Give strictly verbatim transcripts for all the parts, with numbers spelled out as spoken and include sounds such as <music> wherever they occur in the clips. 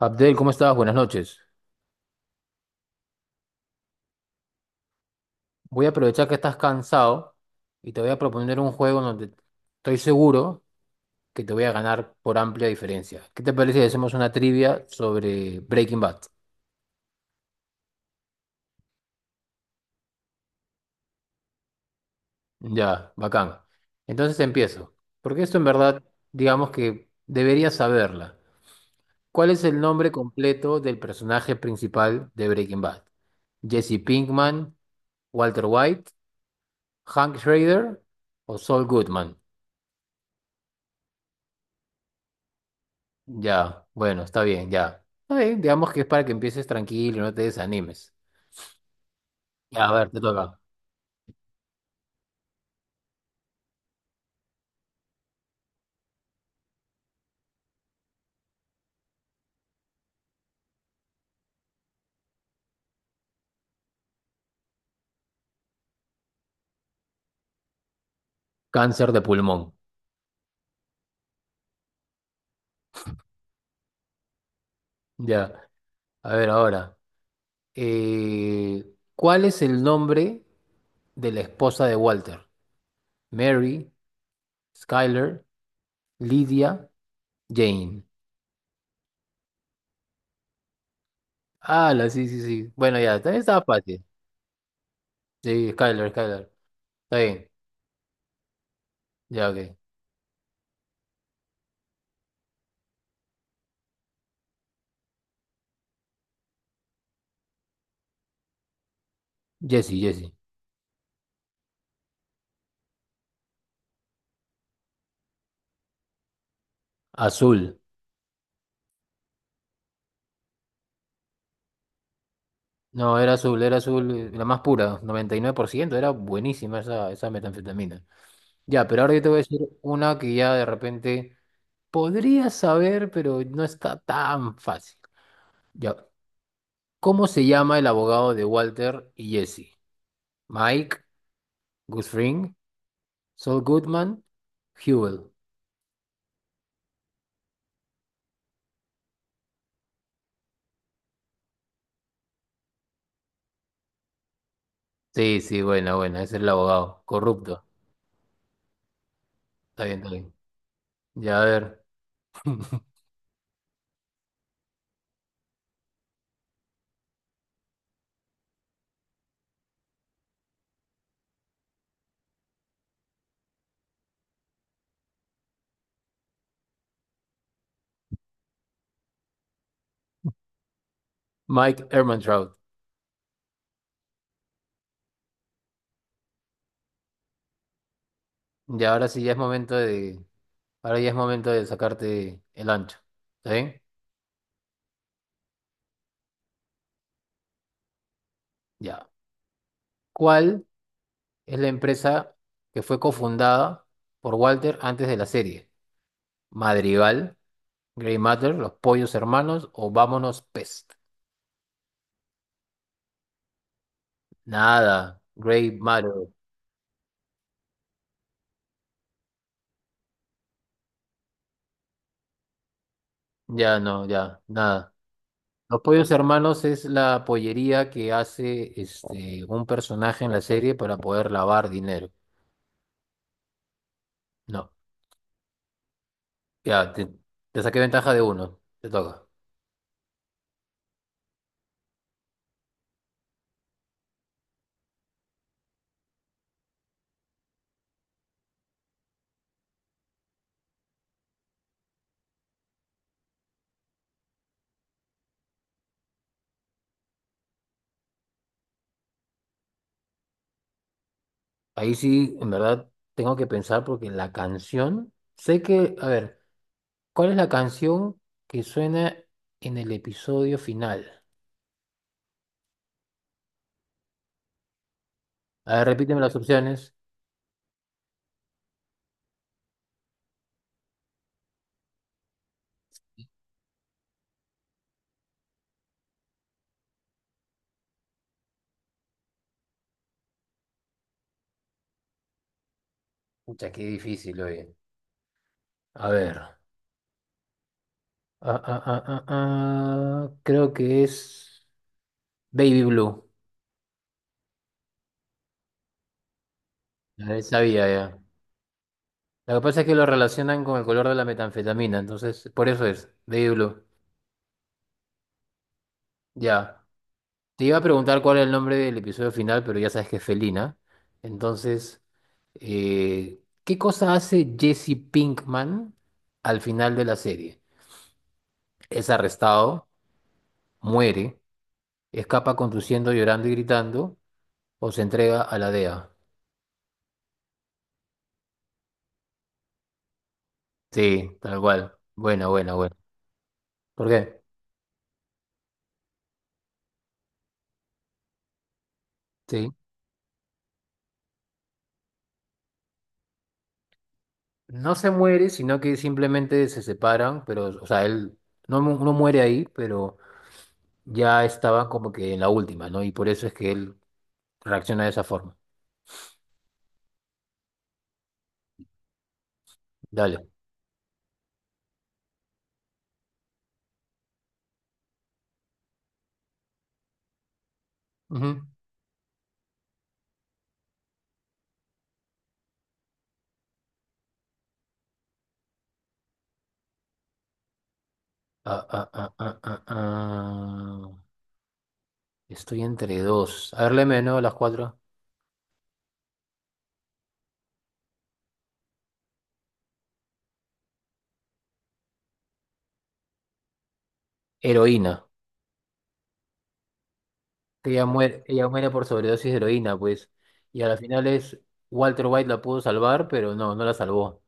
Abdel, ¿cómo estás? Buenas noches. Voy a aprovechar que estás cansado y te voy a proponer un juego donde estoy seguro que te voy a ganar por amplia diferencia. ¿Qué te parece si hacemos una trivia sobre Breaking Bad? Ya, bacán. Entonces empiezo. Porque esto en verdad, digamos que deberías saberla. ¿Cuál es el nombre completo del personaje principal de Breaking Bad? ¿Jesse Pinkman, Walter White, Hank Schrader o Saul Goodman? Ya, bueno, está bien, ya. Está bien, digamos que es para que empieces tranquilo, no te desanimes. Ya, a ver, te toca. Cáncer de pulmón. Ya, a ver ahora. eh, ¿Cuál es el nombre de la esposa de Walter? Mary, Skyler, Lydia, Jane. Ah, la, sí, sí, sí. Bueno, ya, también estaba fácil. Sí, Skyler, Skyler. Está bien, ya, ok. Jessie, Jessie. Azul. No, era azul, era azul, eh, la más pura, noventa y nueve por ciento. Era buenísima esa, esa metanfetamina. Ya, pero ahora yo te voy a decir una que ya de repente podrías saber, pero no está tan fácil. Ya. ¿Cómo se llama el abogado de Walter y Jesse? Mike, Guthring, Saul Goodman, Hewell. Sí, sí, buena, buena. Ese es el abogado. Corrupto. Está bien, está bien. Ya, a ver. <laughs> Mike Ehrmantraut. Ya, ahora sí ya es momento de. Ahora ya es momento de sacarte el ancho. ¿Está bien? Ya. ¿Cuál? Es la empresa que fue cofundada por Walter antes de la serie. Madrigal, Grey Matter, Los Pollos Hermanos o Vámonos Pest. Nada, Grey Matter. Ya no, ya, nada. Los Pollos Hermanos es la pollería que hace este, un personaje en la serie para poder lavar dinero. No, ya, te, te saqué ventaja de uno. Te toca. Ahí sí, en verdad, tengo que pensar porque la canción, sé que, a ver. ¿Cuál es la canción que suena en el episodio final? A ver, repíteme las opciones. Pucha, qué difícil, oye. A ver. Ah, ah, ah, ah, ah, creo que es Baby Blue. A ver, sabía ya. Lo que pasa es que lo relacionan con el color de la metanfetamina, entonces por eso es Baby Blue. Ya. Te iba a preguntar cuál es el nombre del episodio final, pero ya sabes que es Felina. Entonces, eh, ¿qué cosa hace Jesse Pinkman al final de la serie? Es arrestado, muere, escapa conduciendo, llorando y gritando, o se entrega a la D E A. Sí, tal cual. Buena, buena, buena. ¿Por qué? Sí. No se muere, sino que simplemente se separan, pero, o sea, él no, mu- no muere ahí, pero ya estaba como que en la última, ¿no? Y por eso es que él reacciona de esa forma. Dale. Ujú. Ah, ah, ah, ah, ah, ah. Estoy entre dos. A ver, léeme, ¿no? Las cuatro. Heroína. Ella muere, ella muere por sobredosis de heroína, pues. Y a la final es Walter White la pudo salvar, pero no, no la salvó.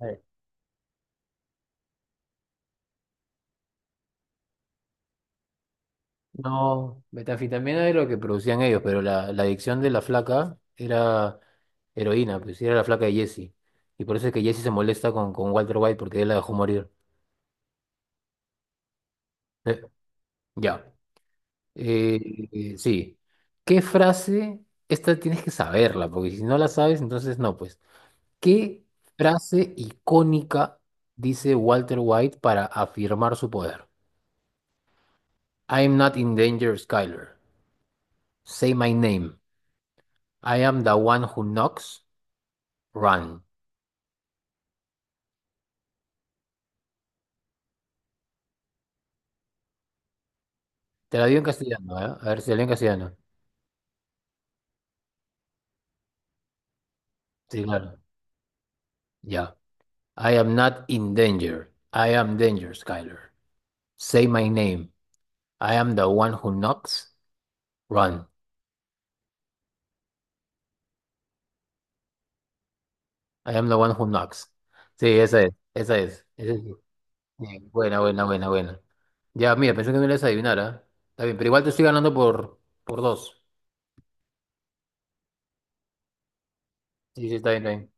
Eh. No, metanfetamina es lo que producían ellos, pero la, la adicción de la flaca era heroína, pues era la flaca de Jesse. Y por eso es que Jesse se molesta con, con Walter White porque él la dejó morir. Eh, ya. Eh, eh, sí. ¿Qué frase? Esta tienes que saberla, porque si no la sabes, entonces no, pues. ¿Qué frase icónica dice Walter White para afirmar su poder? I am not in danger, Skyler. Say my name. I am the one who knocks. Run. Te la digo en castellano, ¿eh? A ver si la digo en castellano. Sí, claro. Ya. I am not in danger. I am danger, Skyler. Say my name. I am the one who knocks. Run. I am the one who knocks. Sí, esa es. Esa es. Esa es. Bien, buena, buena, buena, buena. Ya, mira, pensé que me ibas a adivinar, ¿ah? Está bien, pero igual te estoy ganando por, por dos. Sí, sí, está bien, está bien.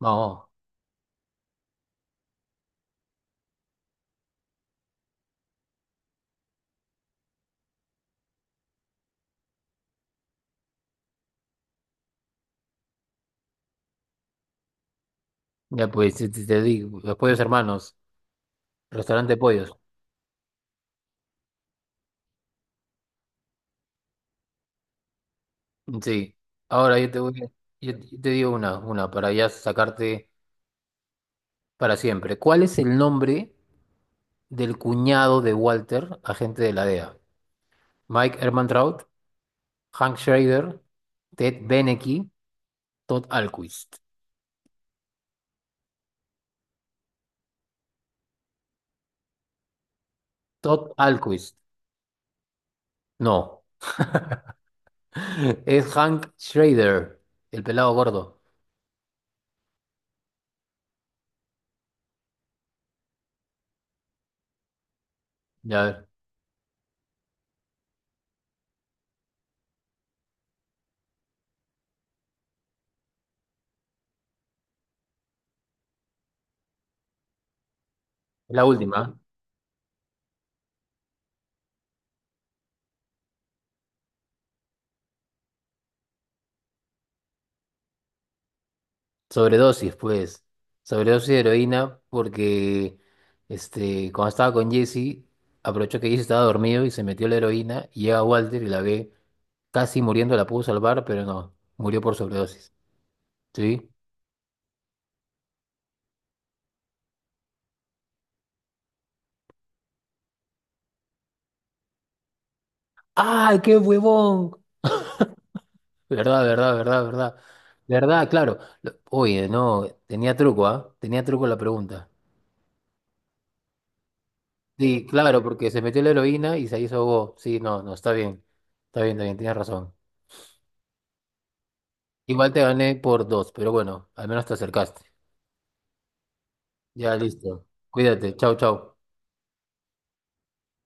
Vamos. Ya, pues, te, te- te digo, los pollos hermanos, restaurante de pollos. Sí. Ahora yo te voy, a- yo, yo te digo una, una, para ya sacarte para siempre. ¿Cuál es el nombre del cuñado de Walter, agente de la D E A? Mike Ehrmantraut, Hank Schrader, Ted Benecke, Todd Alquist. Todd Alquist. No. Es Hank Schrader, el pelado gordo. Ya ver, es la última. Sobredosis, pues. Sobredosis de heroína porque este, cuando estaba con Jesse, aprovechó que Jesse estaba dormido y se metió la heroína y llega Walter y la ve casi muriendo, la pudo salvar, pero no, murió por sobredosis. ¿Sí? ¡Ay, qué huevón! Verdad, verdad, verdad, verdad. Verdad, claro. Lo- Oye, no, tenía truco, ¿ah? Tenía truco la pregunta. Sí, claro, porque se metió la heroína y se hizo go. Sí, no, no, está bien. Está bien, está bien, tienes razón. Igual te gané por dos, pero bueno, al menos te acercaste. Ya, listo. Cuídate. Chau, chau.